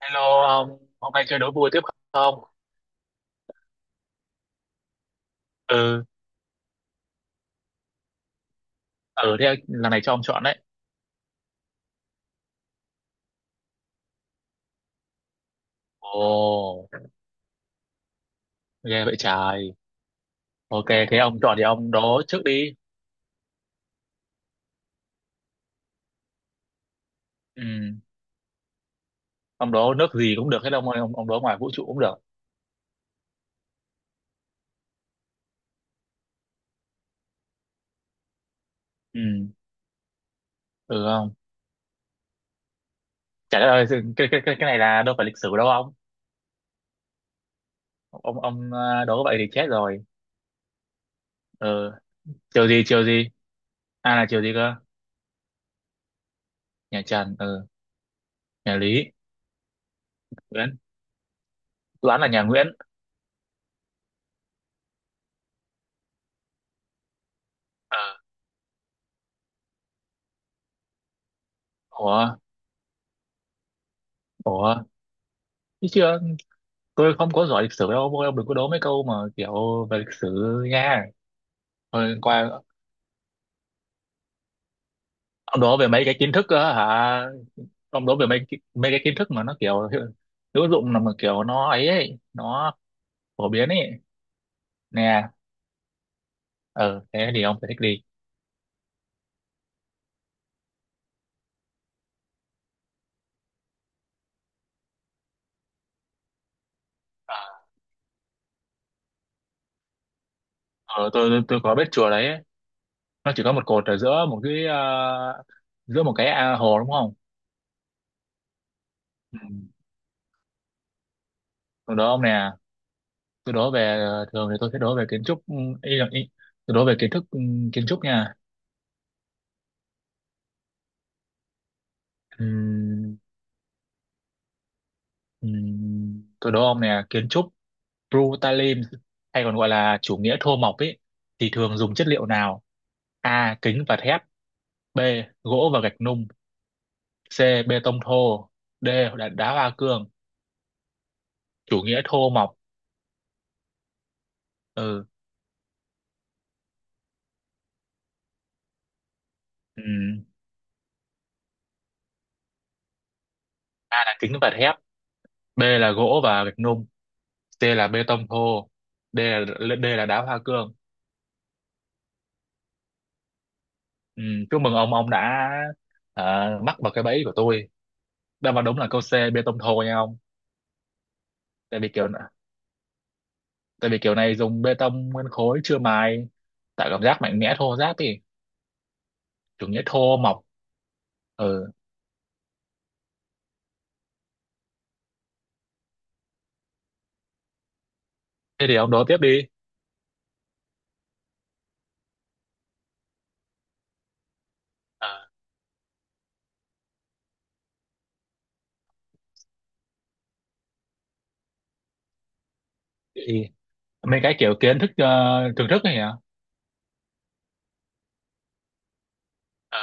Hello ông, hôm nay chơi đố vui tiếp không? Ừ, ừ thế lần này cho ông chọn đấy. Ồ, ghê vậy trời. Ok, thế ông chọn thì ông đố trước đi. Ừ, ông đố nước gì cũng được hết ông ơi, ông đố ngoài vũ trụ cũng được. Ừ, ừ không? Chả ơi, cái này là đâu phải lịch sử đâu ông. Ông đố vậy thì chết rồi. Ừ, chiều gì, chiều gì? À là chiều gì cơ? Nhà Trần, ừ, nhà Lý, Nguyễn. Toán là nhà Nguyễn. Ờ, ủa, ủa, chứ chưa? Tôi không có giỏi lịch sử đâu, ông đừng có đố mấy câu mà kiểu về lịch sử nha. Thôi qua. Ông đố về mấy cái kiến thức á hả? Ông đố về mấy cái kiến thức mà nó kiểu hữu hữu dụng, là mà kiểu nó ấy ấy nó phổ biến ấy nè. Ờ thế thì ông phải thích đi. Ờ, tôi có biết chùa đấy, nó chỉ có một cột ở giữa một cái giữa một cái hồ đúng không? Ừ. Tôi đố ông nè, tôi đố về thường thì tôi sẽ đố về kiến trúc, ừ, ý là tôi đố về kiến thức, ừ, kiến trúc nha. Ừ. Tôi đố ông nè, kiến trúc Brutalism hay còn gọi là chủ nghĩa thô mộc ấy thì thường dùng chất liệu nào? A. Kính và thép, B. Gỗ và gạch nung, C. Bê tông thô, D. Đá hoa cương. Chủ nghĩa thô mộc. Ừ. Ừm, A là kính và thép, B là gỗ và gạch nung, C là bê tông thô, D là D là đá hoa cương. Chúc mừng ông đã mắc vào cái bẫy của tôi. Đáp án đúng là câu C bê tông thô nha ông. Tại vì kiểu tại vì kiểu này dùng bê tông nguyên khối chưa mài, tạo cảm giác mạnh mẽ thô ráp đi, chủ nghĩa thô mộc. Ừ thế thì ông đối tiếp đi. ờ thì mấy cái kiểu kiến thức thưởng thức này hả? ờ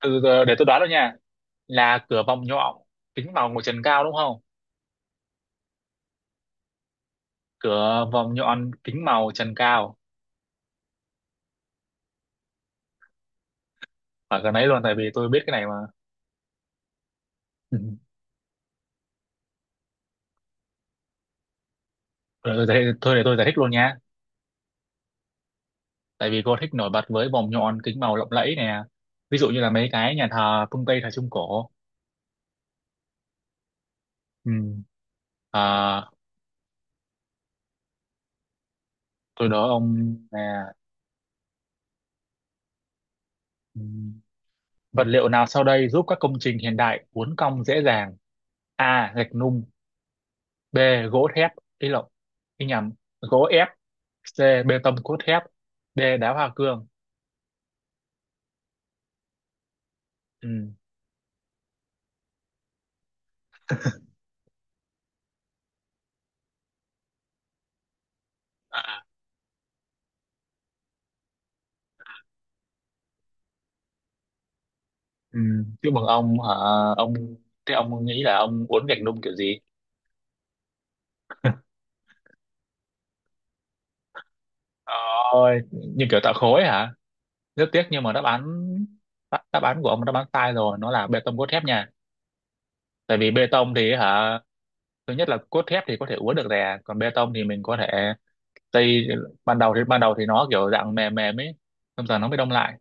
từ giờ để tôi đoán rồi nha, là cửa vòng nhọn, kính màu của trần cao đúng không? Cửa vòng nhọn, kính màu, trần cao. Phải cái đấy luôn tại vì tôi biết cái này mà. Ừ. Thôi để tôi giải thích luôn nha, tại vì cô thích nổi bật với vòng nhọn, kính màu lộng lẫy nè, ví dụ như là mấy cái nhà thờ phương Tây thời Trung Cổ. Ừ. À, tôi đố ông là ừm, vật liệu nào sau đây giúp các công trình hiện đại uốn cong dễ dàng? A. Gạch nung, B. Gỗ thép ý lộn ý nhầm gỗ ép, C. Bê tông cốt thép, D. Đá hoa cương. Ừ. À. Ừ. Chúc mừng ông hả ông, thế ông nghĩ là ông uốn gạch nung kiểu gì? Ôi, như kiểu tạo khối hả? Rất tiếc nhưng mà đáp án, đáp đáp án của ông là đáp án sai rồi, nó là bê tông cốt thép nha. Tại vì bê tông thì hả, thứ nhất là cốt thép thì có thể uốn được rè, còn bê tông thì mình có thể xây, ban đầu thì nó kiểu dạng mềm mềm ấy, xong rồi nó mới đông lại.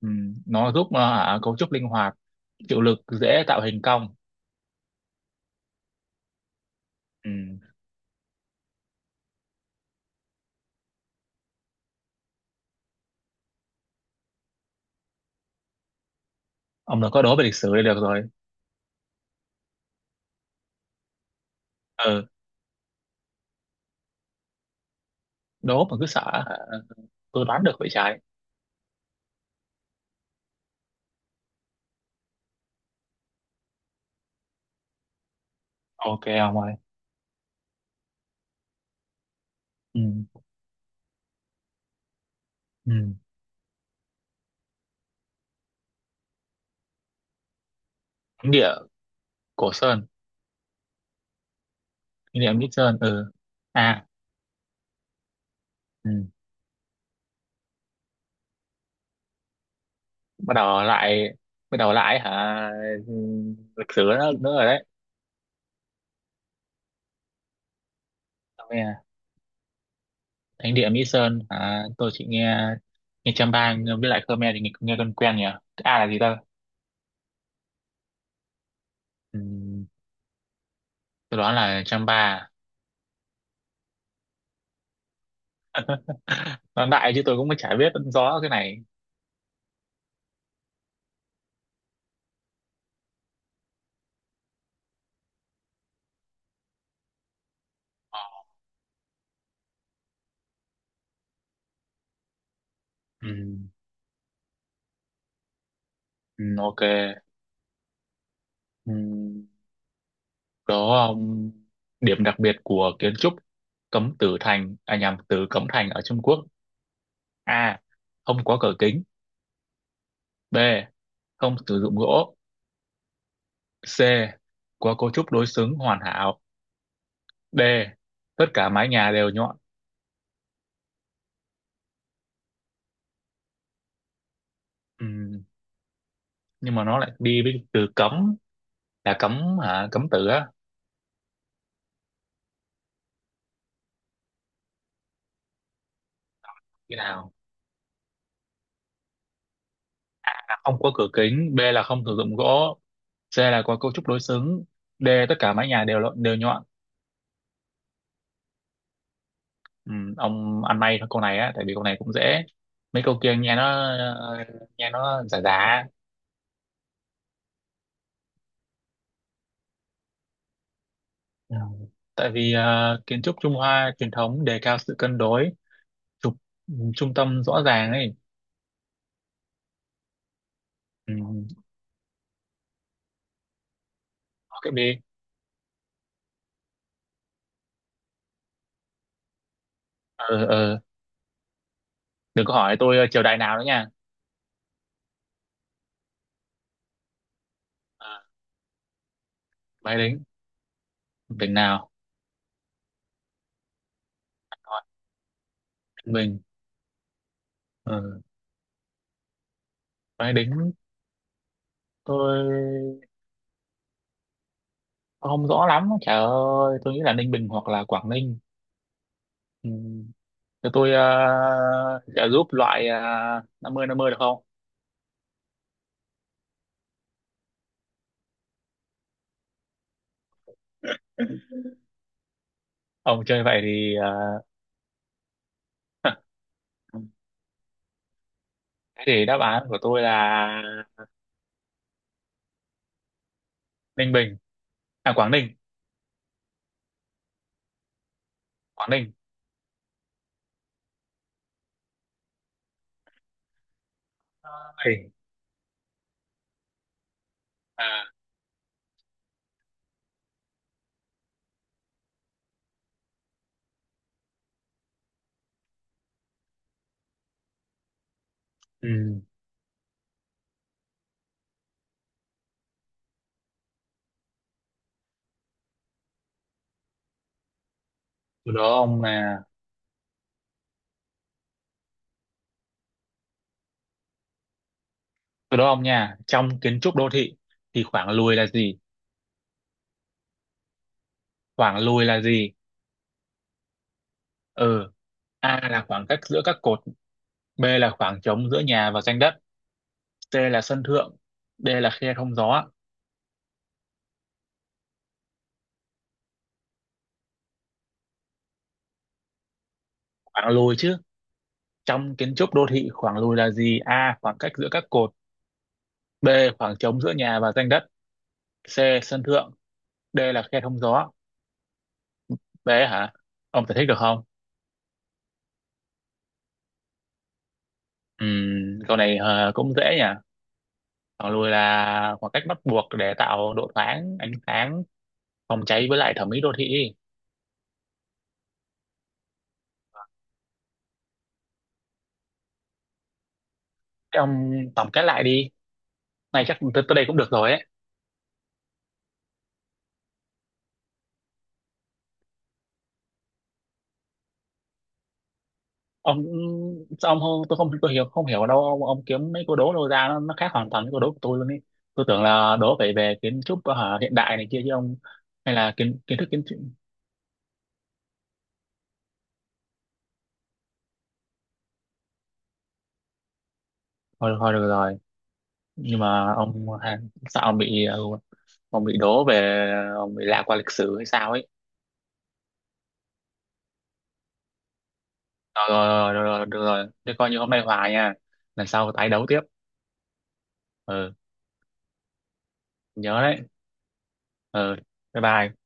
Ừ. Nó giúp hả, cấu trúc linh hoạt, chịu lực, dễ tạo hình cong. Ừ. Ông đã có đố về lịch sử đây được rồi. Ừ, đố mà cứ sợ hả, tôi đoán được vậy trái. Ok ông ơi. Ừ. Ừ. Thánh địa Cổ Sơn, thánh địa Mỹ Sơn. Ừ. À. Ừ. Bắt đầu lại, bắt đầu lại hả? Ừ, lịch sử nữa, nữa rồi đấy. Thánh địa Mỹ Sơn à, tôi chỉ nghe nghe Champa với lại Khmer thì nghe quen quen nhỉ. A là gì ta? Ừm, tôi đoán là Champa à? Nó đại chứ tôi cũng chả biết rõ cái này. Ừm, ok. Ừm, đó, điểm đặc biệt của kiến trúc Cấm Tử Thành à nhằm từ Cấm Thành ở Trung Quốc. A, không có cửa kính, B, không sử dụng gỗ, C, có cấu trúc đối xứng hoàn hảo, D, tất cả mái nhà đều nhọn. Nhưng mà nó lại đi với từ cấm, là cấm hả, cấm tự á. Như nào? A, không có cửa kính, B là không sử dụng gỗ, C là có cấu trúc đối xứng, D tất cả mái nhà đều đều nhọn. Ừ, ông ăn may thôi câu này á, tại vì câu này cũng dễ. Mấy câu kia nghe nó ờ, nghe nó giả giả. Ừ. Tại vì kiến trúc Trung Hoa truyền thống đề cao sự cân đối, trục trung tâm rõ ràng ấy. Ừ. Ok đi. ờ ờ đừng có hỏi tôi triều đại nào nữa nha. Ờ, máy đính, tỉnh nào, hỏi tỉnh mình. Ừ. Máy đính, tôi không rõ lắm trời ơi, tôi nghĩ là Ninh Bình hoặc là Quảng Ninh. Ừ. Cho tôi trợ giúp loại 50-50 được không? Ông chơi vậy thì thế thì đáp án của tôi là Ninh Bình, à Quảng Ninh, Quảng Ninh. Ôi. À. Ừ. từ đó ông là từ đó ông nha, trong kiến trúc đô thị thì khoảng lùi là gì? Khoảng lùi là gì? Ừ. A là khoảng cách giữa các cột, B là khoảng trống giữa nhà và ranh đất, C là sân thượng, D là khe thông gió. Khoảng lùi chứ. Trong kiến trúc đô thị khoảng lùi là gì? A. Khoảng cách giữa các cột, B. Khoảng trống giữa nhà và ranh đất, C. Sân thượng, D là khe thông gió. B hả? Ông giải thích được không? Câu này cũng dễ nhỉ. Khoảng lùi là khoảng cách bắt buộc để tạo độ thoáng, ánh sáng, phòng cháy với lại thẩm mỹ đô thị. Thế ông tổng kết lại đi. Này chắc tới tới đây cũng được rồi ấy. Ông, sao ông không, tôi không, tôi hiểu không hiểu ở đâu ông kiếm mấy câu đố đâu ra, nó khác hoàn toàn với câu đố của tôi luôn ý. Tôi tưởng là đố phải về kiến trúc hả, hiện đại này kia chứ ông, hay là kiến kiến thức kiến trúc. Thôi thôi được rồi, nhưng mà ông hả, sao ông bị ông bị đố về, ông bị lạc qua lịch sử hay sao ấy. Rồi rồi rồi, rồi, được rồi, thế coi như hôm nay hòa nha, lần sau tái đấu tiếp. Ừ. Nhớ đấy. Ừ. Bye bye.